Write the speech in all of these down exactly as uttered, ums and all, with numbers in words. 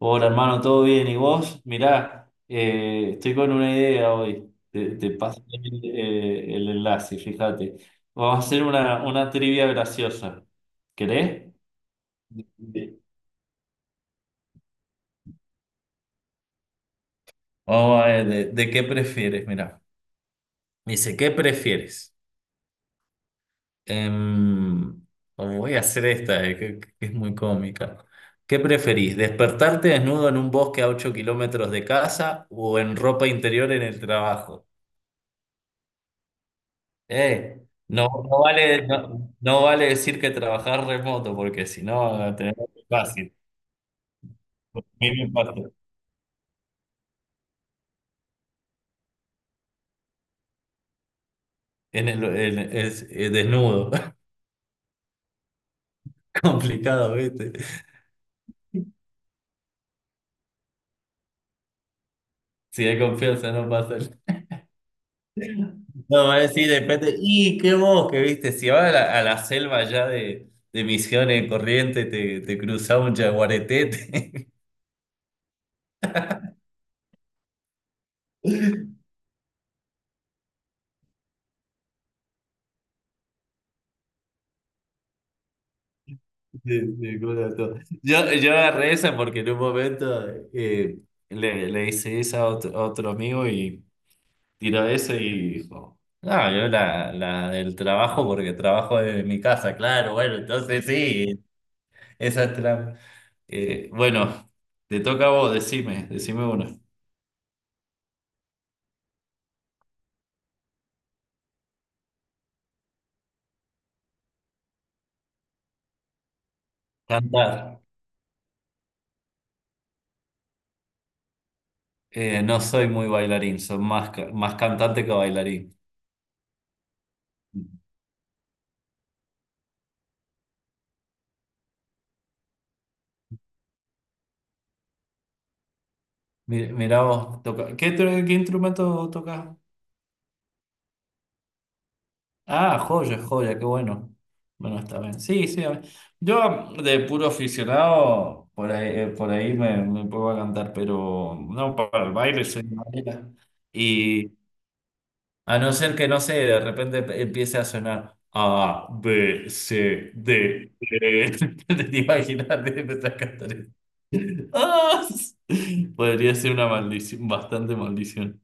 Hola hermano, ¿todo bien? ¿Y vos? Mirá, eh, estoy con una idea hoy. Te, te paso el, eh, el enlace, fíjate. Vamos a hacer una, una trivia graciosa. ¿Querés? Sí. Vamos a ver, ¿de, de qué prefieres? Mirá. Dice, ¿qué prefieres? Em, oh, voy a hacer esta, eh, que, que es muy cómica. ¿Qué preferís? ¿Despertarte desnudo en un bosque a ocho kilómetros de casa o en ropa interior en el trabajo? Eh, no, no vale, no, no vale decir que trabajar remoto, porque si no, tenés fácil, mínimo impacto. En el, en- es, es desnudo, complicado, ¿viste? Si hay confianza, no pasa. el- No, va a decir de repente, y qué vos, que viste, si vas a la, a la selva ya de, de Misiones Corrientes, te, te cruzás un jaguareté. te- te- te todo. Yo, yo agarré esa porque en un momento eh, le, le hice esa a otro, a otro amigo y tiró ese y dijo, no, yo la, la del trabajo porque trabajo desde mi casa, claro, bueno, entonces sí, esa es la... Eh, bueno, te toca a vos, decime, decime una. Cantar. Eh, no soy muy bailarín, soy más, ca- más cantante que bailarín. Mi- Mirá vos, toca. ¿Qué, tru- qué instrumento tocas? Ah, joya, joya, qué bueno. Bueno, está bien. Sí, sí. a ver. Yo de puro aficionado, por ahí, eh, por ahí me, me puedo a cantar, pero no para el baile, soy madera. Y a no ser que, no sé, de repente empiece a sonar A, B, C, D, E. ¿Te imaginas de empezar a cantar eso? ¡Ah! Podría ser una maldición, bastante maldición.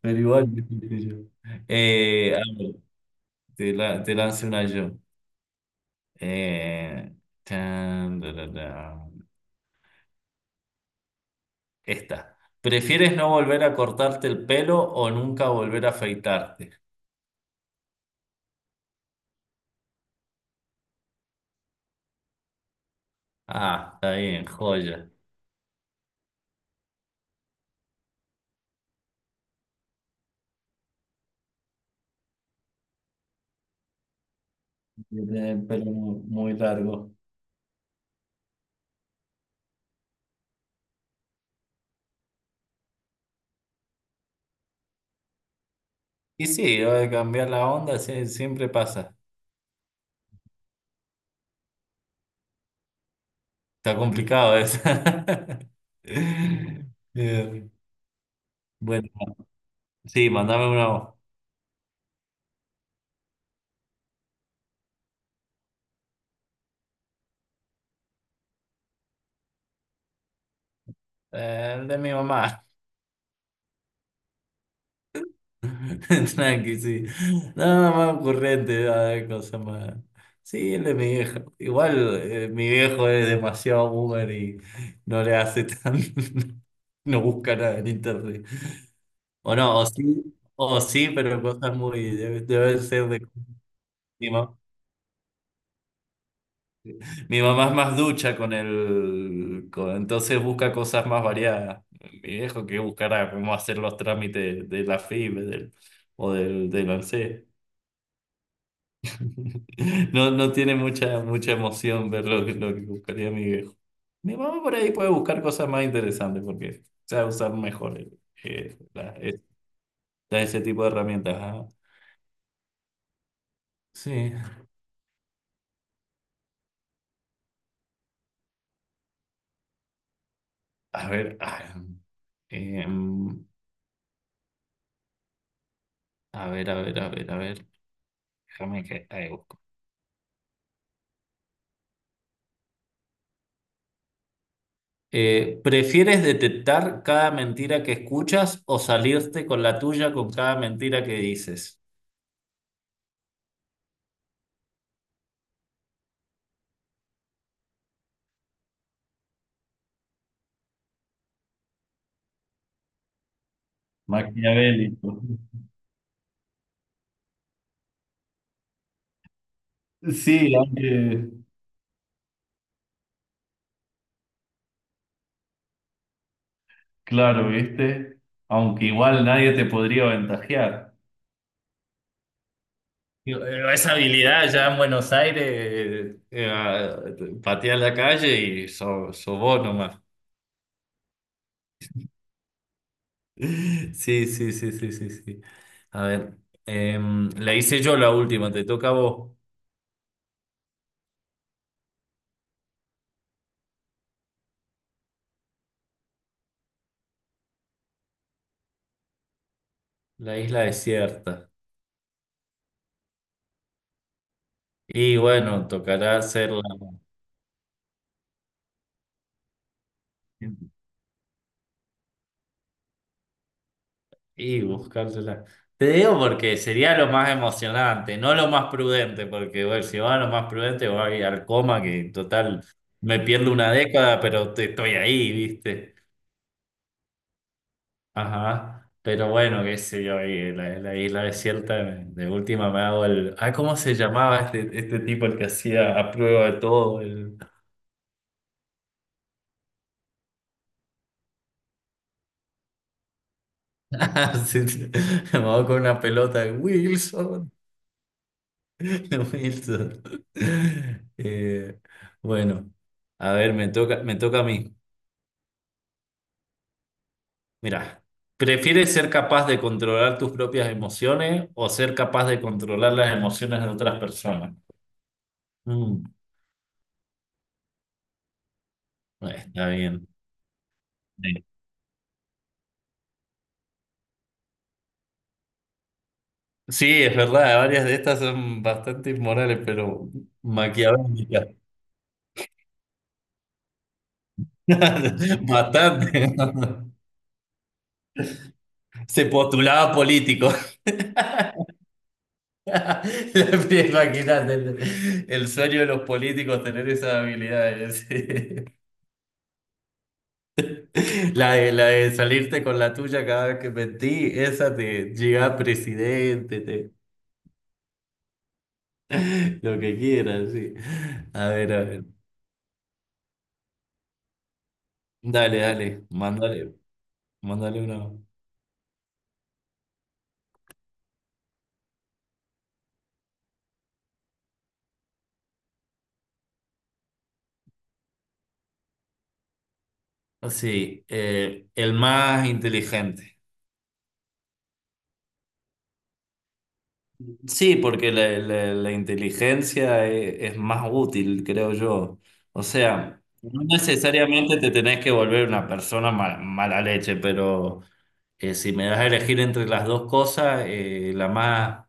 Pero igual, qué sé yo. Eh, te, la- te lanzo una yo. Eh, tan, da, da, da. Esta. ¿Prefieres no volver a cortarte el pelo o nunca volver a afeitarte? Ah, está bien, joya. Yo tenía el pelo muy, muy largo. Y sí, va a cambiar la onda, sí, siempre pasa. Está complicado eso. Bien. Bueno, sí, mandame una voz. Eh, el de mi mamá. Tranqui, sí. Nada más ocurrente, a cosa más. Sí, el de mi viejo. Igual eh, mi viejo es demasiado boomer y no le hace tan. No busca nada en internet. O no, o sí, o sí, pero cosas muy. Debe, debe ser de. Mi, ma- mi mamá es más ducha con el. Con- entonces busca cosas más variadas. Mi viejo que buscará cómo hacer los trámites de la F I B del, o del, del ANSES. No, no tiene mucha, mucha emoción ver lo que, lo que buscaría mi viejo. Mi mamá por ahí puede buscar cosas más interesantes porque sabe usar mejor el- eh, la- es- la- ese tipo de herramientas. Ajá. Sí. A ver, ah, em, a ver, a ver, a ver, a ver. Déjame que ahí busco. Eh, ¿prefieres detectar cada mentira que escuchas o salirte con la tuya con cada mentira que dices? Maquiavélico. Sí, aunque. Claro, ¿viste? Aunque igual nadie te podría aventajear. Digo, eh, esa habilidad ya en Buenos Aires, eh, eh, patear la calle y so, so vos nomás. Sí, sí, sí, sí, sí, sí. A ver, em, la hice yo la última, te toca a vos, la isla desierta. Y bueno, tocará hacerla. Y buscársela. Te digo porque sería lo más emocionante, no lo más prudente, porque bueno, si va a lo más prudente voy al coma, que total me pierdo una década, pero te- estoy ahí, ¿viste? Ajá. Pero bueno, qué sé yo, ahí en la, en la isla desierta, de de última me hago el... Ah, ¿cómo se llamaba este, este tipo el que hacía a prueba de todo? El... Sí, sí. Me hago con una pelota de Wilson. Wilson. Eh, bueno, a ver, me toca, me toca a mí. Mira, ¿prefieres ser capaz de controlar tus propias emociones o ser capaz de controlar las emociones de otras personas? Mm, eh, está bien. Sí, sí, es verdad, varias de estas son bastante inmorales, pero maquiavélicas. Bastante. Se postulaba político. Las pies máquinas del- el sueño de los políticos tener esas habilidades. Sí. La de, la de salirte con la tuya cada vez que mentí, esa te llega a presidente, te, lo que quieras, sí. A ver, a ver. Dale, dale, mándale, mándale uno. Sí, eh, el más inteligente. Sí, porque la, la- la inteligencia e- es, más útil, creo yo. O sea, no necesariamente te tenés que volver una persona ma- mala leche, pero eh, si me das a elegir entre las dos cosas, eh, la más,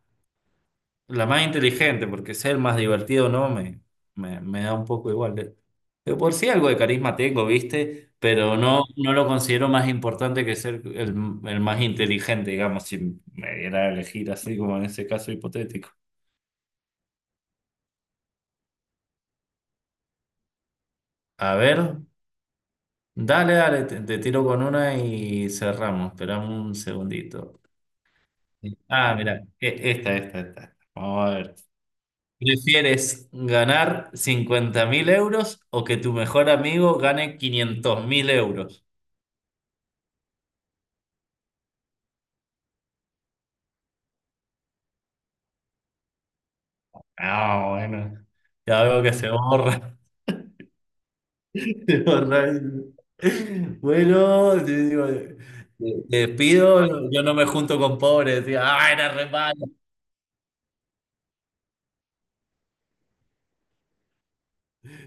la más inteligente, porque ser más divertido o no, me, me, me da un poco igual. De, de por sí algo de carisma tengo, ¿viste? Pero no, no lo considero más importante que ser el, el más inteligente, digamos, si me diera a elegir así como en ese caso hipotético. A ver, dale, dale, te, te tiro con una y cerramos. Esperamos un segundito. Ah, mira, esta, esta, esta. Vamos a ver. ¿Prefieres ganar cincuenta mil euros o que tu mejor amigo gane quinientos mil euros? Ah, bueno, ya veo que se borra. Se borra. Bueno, yo digo, te te pido, yo no me junto con pobres. Decía, ah, era re malo.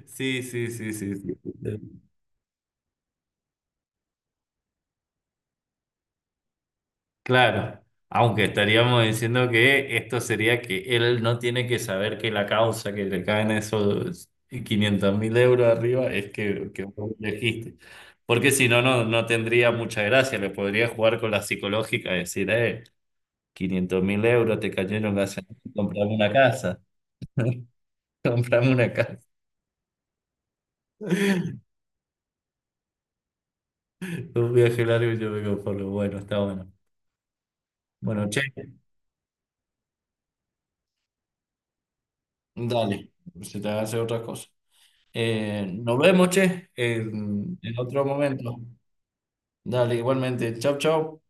Sí, sí, sí, sí, sí. Sí. Claro, aunque estaríamos diciendo que esto sería que él no tiene que saber que la causa que le caen esos quinientos mil euros arriba es que, que vos elegiste. Porque si no, no, no tendría mucha gracia, le podría jugar con la psicológica y decir, eh, quinientos mil euros te cayeron gracias a mí, comprame una casa, comprame una casa. Un viaje largo y yo me conformo. Bueno, está bueno. Bueno, che, dale, se te hace otra cosa. Eh, nos vemos, che, en en otro momento. Dale, igualmente. Chau, chau.